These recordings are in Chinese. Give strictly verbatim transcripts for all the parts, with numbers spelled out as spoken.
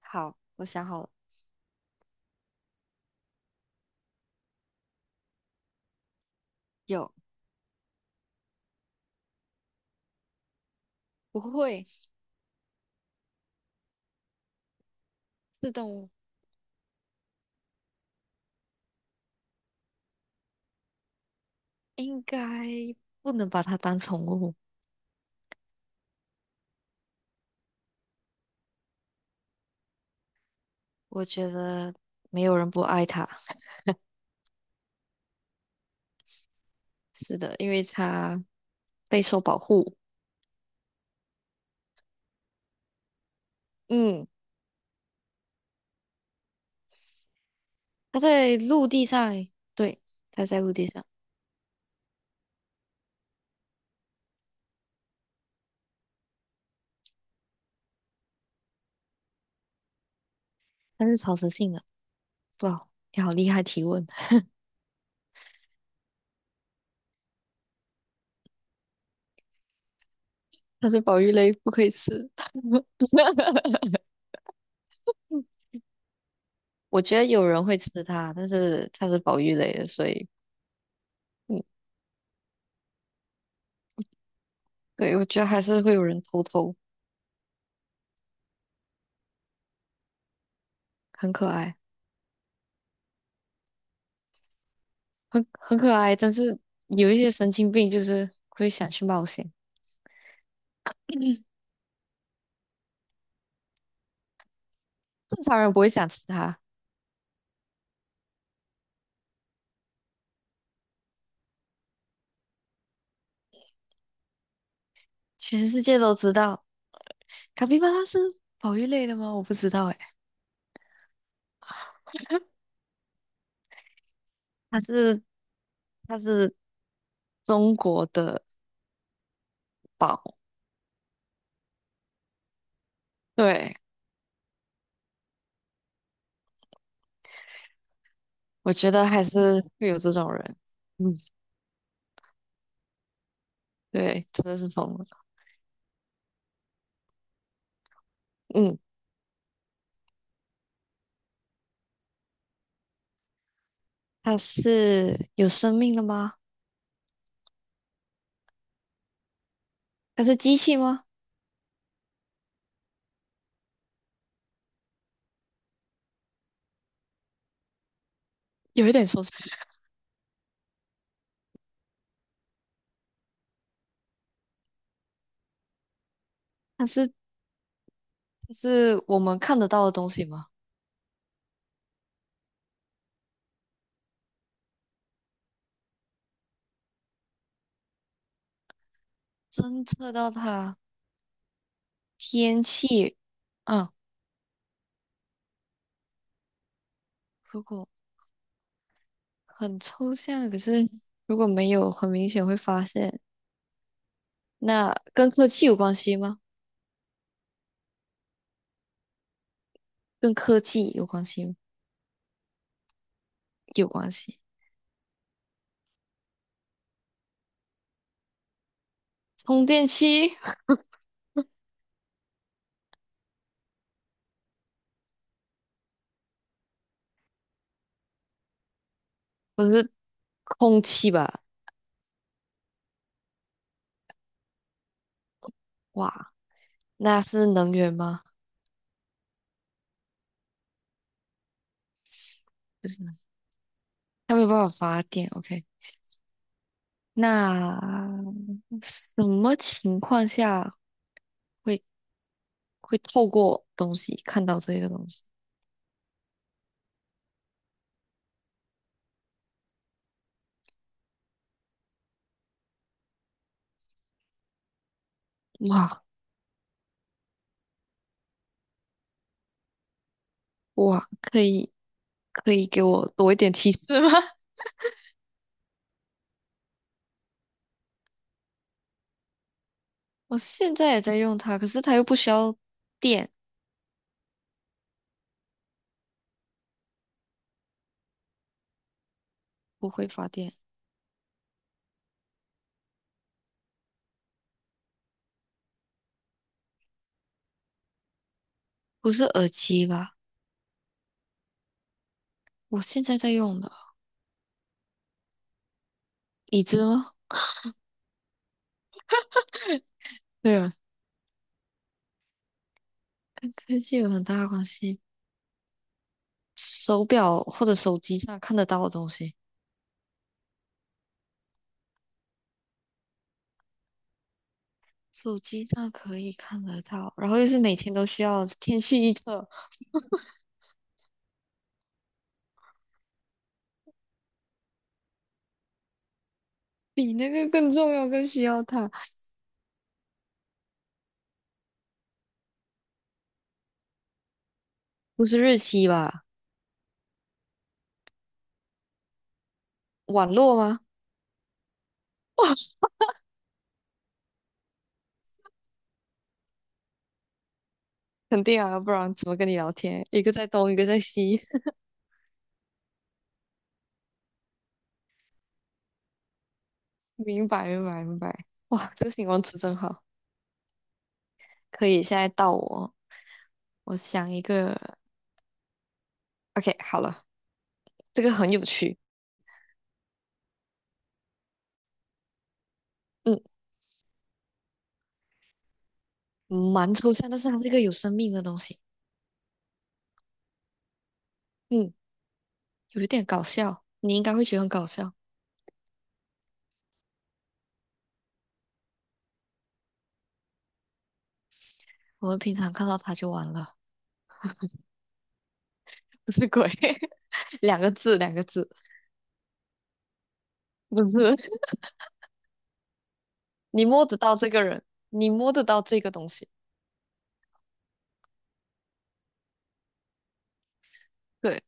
好，我想好了，有，不会是动物，应该不能把它当宠物。我觉得没有人不爱它，是的，因为它备受保护。嗯，它在陆地上，对，它在陆地上，它是草食性的。哇，你好厉害提问，它是保育类，不可以吃。我觉得有人会吃它，但是它是保育类的，所以嗯，对，我觉得还是会有人偷偷，很可爱。很很可爱，但是有一些神经病就是会想去冒险，正常人不会想吃它。全世界都知道，卡皮巴拉是保育类的吗？我不知道哎，它是它是中国的宝，对，我觉得还是会有这种人，嗯，对，真的是疯了，嗯，它是有生命的吗？它是机器吗？有一点抽象，它是它是我们看得到的东西吗？侦测到它。天气，嗯，如果很抽象，可是如果没有很明显会发现，那跟科技有关系吗？跟科技有关系吗？有关系。充电器不是空气吧？哇，那是能源吗？不是能，它没有办法发电。OK，那什么情况下会会透过东西看到这个东西？哇哇，可以可以给我多一点提示吗？我现在也在用它，可是它又不需要电，不会发电，不是耳机吧？我现在在用的椅子吗？对啊，跟科技有很大的关系。手表或者手机上看得到的东西，手机上可以看得到，然后又是每天都需要天气预测，比那个更重要，更需要它。不是日期吧？网络吗？肯定啊，不然怎么跟你聊天？一个在东，一个在西。明白，明白，明白。哇，这个形容词真好。可以，现在到我，我想一个，OK，好了，这个很有趣，嗯，蛮抽象，但是它是一个有生命的东西，嗯，有一点搞笑，你应该会觉得很搞笑。我们平常看到它就完了，不是鬼，两个字，两个字，不是，你摸得到这个人，你摸得到这个东西，对，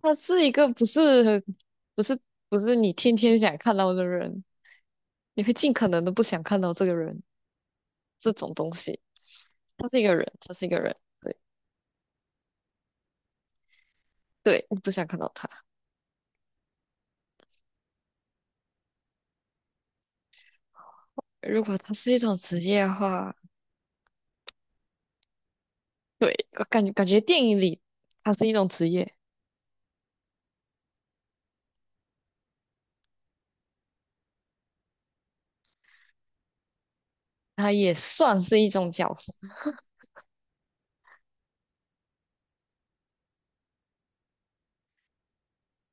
他是一个不是不是不是你天天想看到的人，你会尽可能的不想看到这个人，这种东西，他是一个人，他是一个人。对。对，我不想看到他。如果他是一种职业的话，对，我感觉感觉电影里他是一种职业，他也算是一种角色。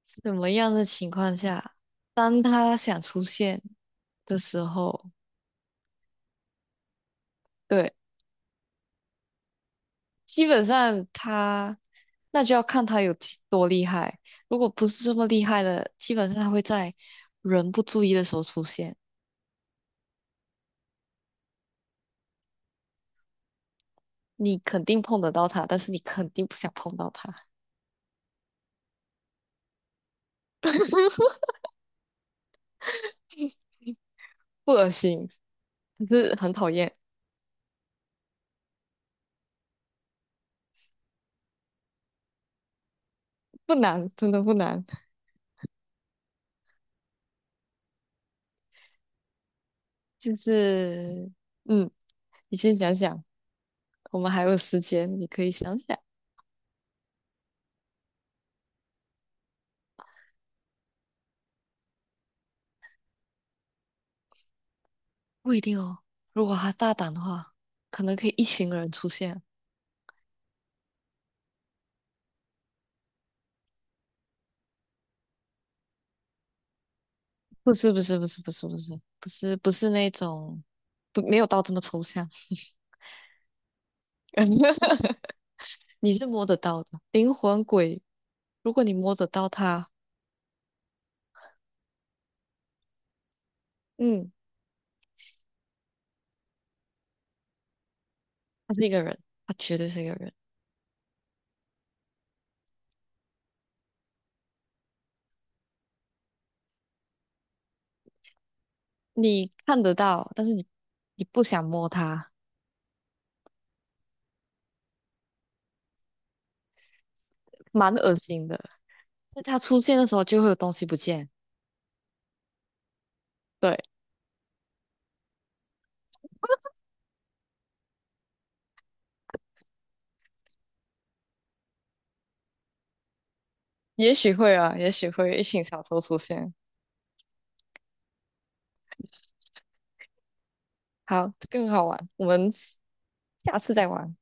什么样的情况下，当他想出现的时候，对，基本上他那就要看他有几多厉害。如果不是这么厉害的，基本上他会在人不注意的时候出现。你肯定碰得到他，但是你肯定不想碰到他，不恶心，可是很讨厌。不难，真的不难。就是，嗯，你先想想，我们还有时间，你可以想想。不一定哦。如果他大胆的话，可能可以一群人出现。不是，不是，不是，不是，不是，不是，不是那种，不，没有到这么抽象。你是摸得到的，灵魂鬼，如果你摸得到他，嗯，他是一个人，他绝对是一个人。你看得到，但是你你不想摸他，蛮恶心的。在他出现的时候就会有东西不见。对。也许会啊，也许会一群小偷出现。好，这更好玩，我们下次再玩。